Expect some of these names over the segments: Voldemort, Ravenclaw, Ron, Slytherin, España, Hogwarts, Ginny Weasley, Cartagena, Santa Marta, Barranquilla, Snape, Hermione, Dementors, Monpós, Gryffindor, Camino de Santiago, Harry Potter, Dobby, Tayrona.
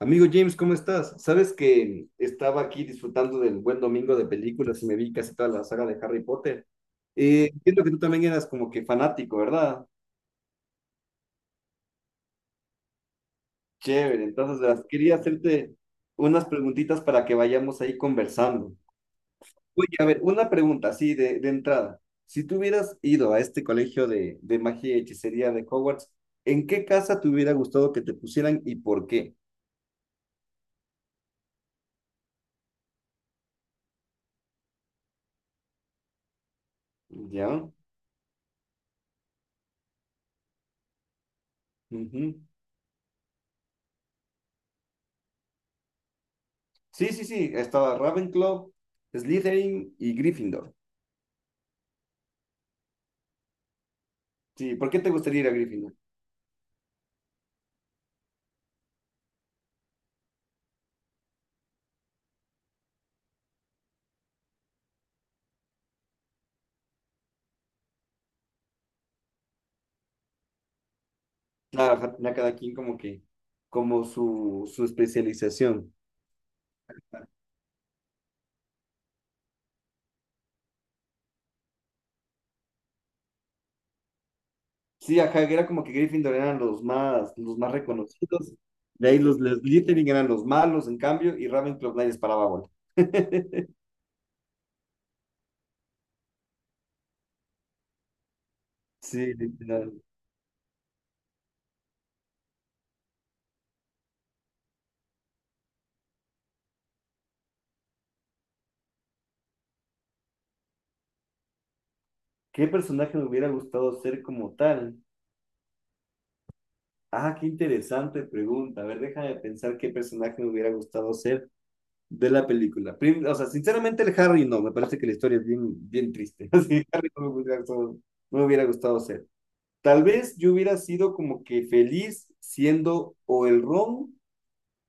Amigo James, ¿cómo estás? Sabes que estaba aquí disfrutando del buen domingo de películas y me vi casi toda la saga de Harry Potter. Entiendo que tú también eras como que fanático, ¿verdad? Chévere. Entonces, verás, quería hacerte unas preguntitas para que vayamos ahí conversando. Oye, a ver, una pregunta así de entrada. Si tú hubieras ido a este colegio de magia y hechicería de Hogwarts, ¿en qué casa te hubiera gustado que te pusieran y por qué? ¿Ya? Ujú. Sí, sí, sí, estaba Ravenclaw, Slytherin y Gryffindor. Sí, ¿por qué te gustaría ir a Gryffindor? Claro, ajá, tenía cada quien como que, como su especialización. Sí, ajá, que era como que Gryffindor eran los más reconocidos, de ahí los Slytherin eran los malos, en cambio, y Ravenclaw nadie les paraba bola. Sí, literal. ¿Qué personaje me hubiera gustado ser como tal? Ah, qué interesante pregunta. A ver, déjame pensar qué personaje me hubiera gustado ser de la película. O sea, sinceramente el Harry no, me parece que la historia es bien, bien triste. Así, Harry no me hubiera gustado, no me hubiera gustado ser. Tal vez yo hubiera sido como que feliz siendo o el Ron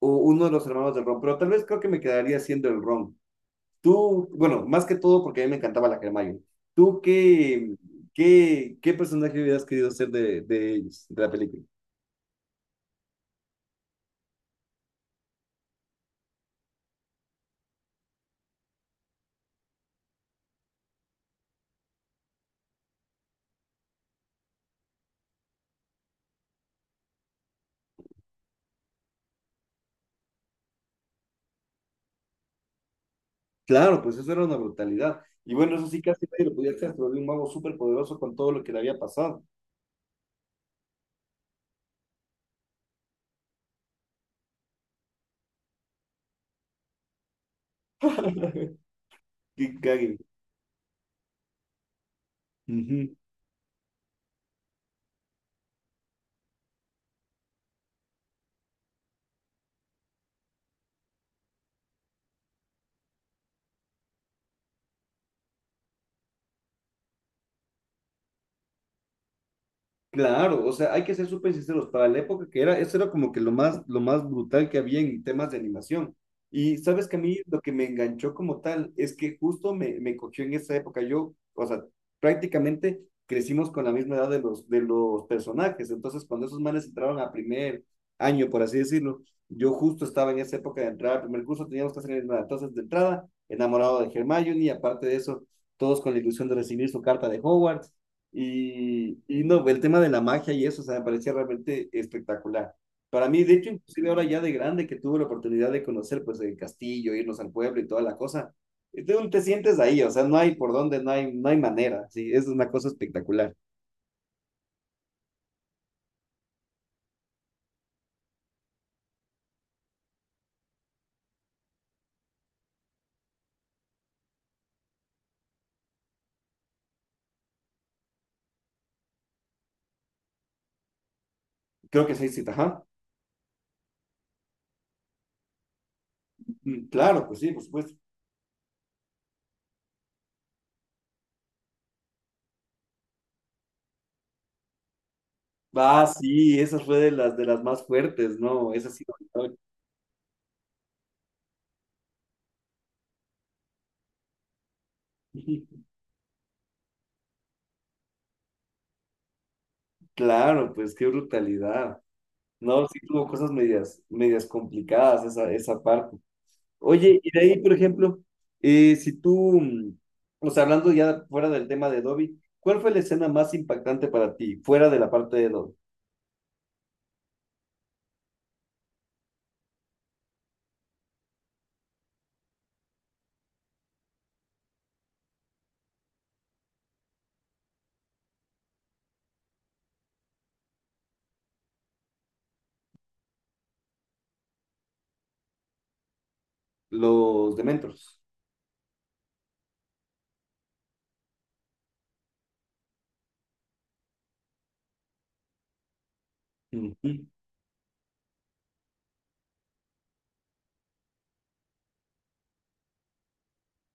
o uno de los hermanos del Ron, pero tal vez creo que me quedaría siendo el Ron. Tú, bueno, más que todo porque a mí me encantaba la Hermione. ¿Tú qué, qué personaje hubieras querido ser de ellos, de la película? Claro, pues eso era una brutalidad. Y bueno, eso sí, casi nadie lo podía hacer, se volvió un mago súper poderoso con todo lo que le había pasado. Qué cague. Ujú. Claro, o sea, hay que ser súper sinceros, para la época que era, eso era como que lo más brutal que había en temas de animación. Y sabes que a mí lo que me enganchó como tal es que justo me cogió en esa época. Yo, o sea, prácticamente crecimos con la misma edad de los personajes. Entonces, cuando esos manes entraron a primer año, por así decirlo, yo justo estaba en esa época de entrar al primer curso, teníamos que hacer nada. Entonces, de entrada, enamorado de Hermione, y aparte de eso, todos con la ilusión de recibir su carta de Hogwarts. Y no, el tema de la magia y eso, o sea, me parecía realmente espectacular. Para mí, de hecho, inclusive ahora ya de grande que tuve la oportunidad de conocer pues el castillo, irnos al pueblo y toda la cosa, es de te sientes ahí, o sea, no hay por dónde, no hay, no hay manera, sí, es una cosa espectacular. Creo que seis citas, ajá. Mm, claro, pues sí, por supuesto. Ah, sí, esa fue de las más fuertes, ¿no? Esa sí. No. Claro, pues qué brutalidad. No, sí tuvo cosas medias, medias complicadas esa, esa parte. Oye, y de ahí, por ejemplo, si tú, o sea, hablando ya fuera del tema de Dobby, ¿cuál fue la escena más impactante para ti, fuera de la parte de Dobby, los Dementors?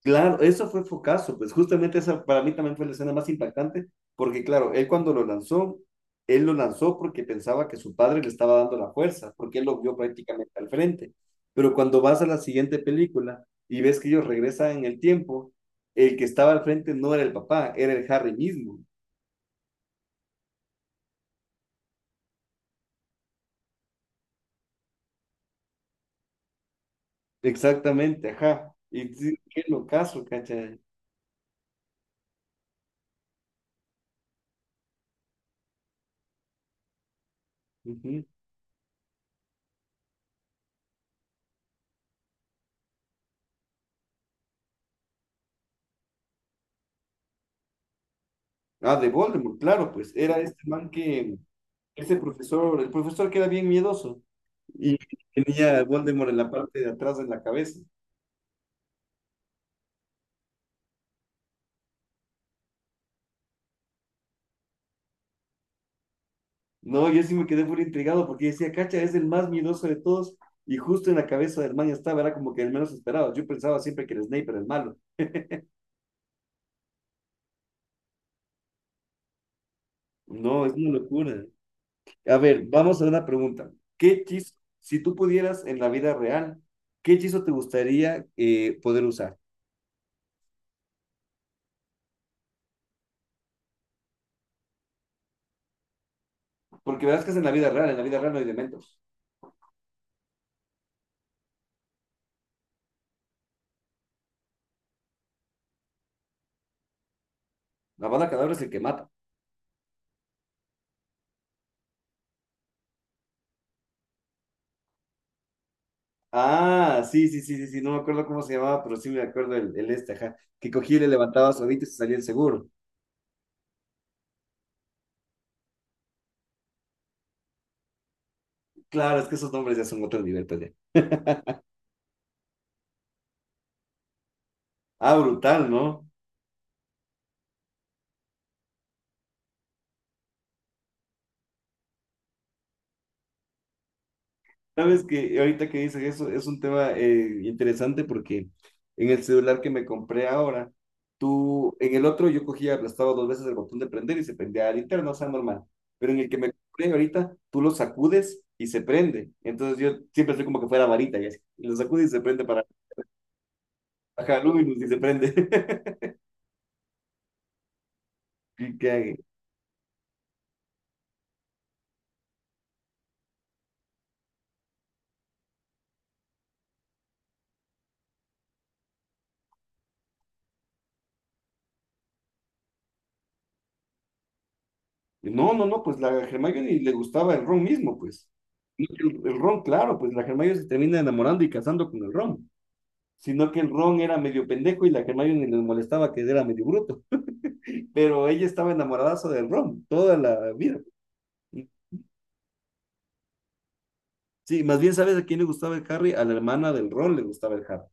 Claro, eso fue focazo, pues justamente esa para mí también fue la escena más impactante, porque claro, él cuando lo lanzó, él lo lanzó porque pensaba que su padre le estaba dando la fuerza, porque él lo vio prácticamente al frente. Pero cuando vas a la siguiente película y ves que ellos regresan en el tiempo, el que estaba al frente no era el papá, era el Harry mismo. Exactamente, ajá. Y sí, qué locazo, cacha. Ujú. Ah, de Voldemort, claro, pues era este man que, ese profesor, el profesor que era bien miedoso. Y tenía Voldemort en la parte de atrás de la cabeza. No, yo sí me quedé muy intrigado porque decía, cacha, es el más miedoso de todos. Y justo en la cabeza de Hermione estaba, era como que el menos esperado. Yo pensaba siempre que el Snape era el malo. No, es una locura. A ver, vamos a una pregunta. ¿Qué hechizo, si tú pudieras en la vida real, qué hechizo te gustaría poder usar? Porque verás que es en la vida real, en la vida real no hay dementos. La bala cadáver es el que mata. Ah, sí, sí, sí, sí, sí, no me acuerdo cómo se llamaba, pero sí me acuerdo el este, ajá, que cogía y le levantaba su hábito y se salía el seguro. Claro, es que esos nombres ya son otro nivel, pues ya. Ah, brutal, ¿no? Sabes que ahorita que dices eso, es un tema interesante porque en el celular que me compré ahora, tú, en el otro yo cogía, aplastaba dos veces el botón de prender y se prendía al interno, o sea, normal. Pero en el que me compré ahorita, tú lo sacudes y se prende. Entonces yo siempre estoy como que fuera varita y así. Lo sacudes y se prende para bajar luz y se prende. que- que- no, no, no, pues la Hermione le gustaba el Ron mismo, pues. No que el Ron, claro, pues la Hermione se termina enamorando y casando con el Ron, sino que el Ron era medio pendejo y la Hermione le molestaba que era medio bruto, pero ella estaba enamoradaza del Ron toda la vida. Sí, más bien, ¿sabes a quién le gustaba el Harry? A la hermana del Ron le gustaba el Harry,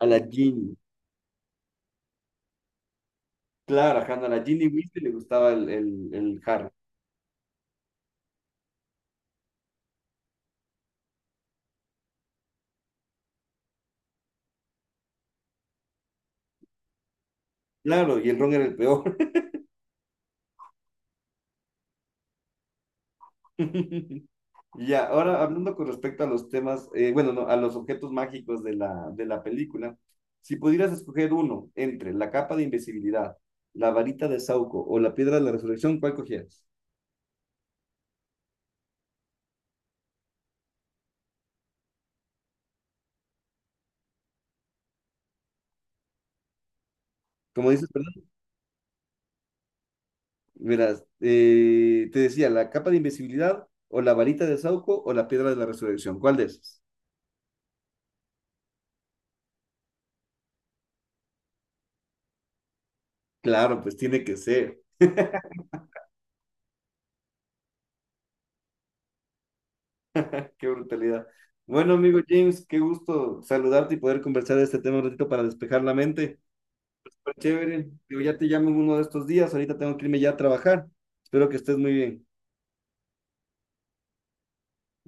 a la Ginny. Claro, ajá, no, a la Ginny Weasley le gustaba el Harry. Claro, y el Ron era el peor. Y ya, ahora hablando con respecto a los temas, bueno, no, a los objetos mágicos de la película, si pudieras escoger uno entre la capa de invisibilidad, la varita de Sauco o la piedra de la resurrección, ¿cuál cogieras? Como dices, ¿verdad? Verás, te decía, la capa de invisibilidad o la varita de Sauco o la piedra de la resurrección, ¿cuál de esos? Claro, pues tiene que ser. Qué brutalidad. Bueno, amigo James, qué gusto saludarte y poder conversar de este tema un ratito para despejar la mente. Chévere. Digo, ya te llamo en uno de estos días. Ahorita tengo que irme ya a trabajar. Espero que estés muy bien.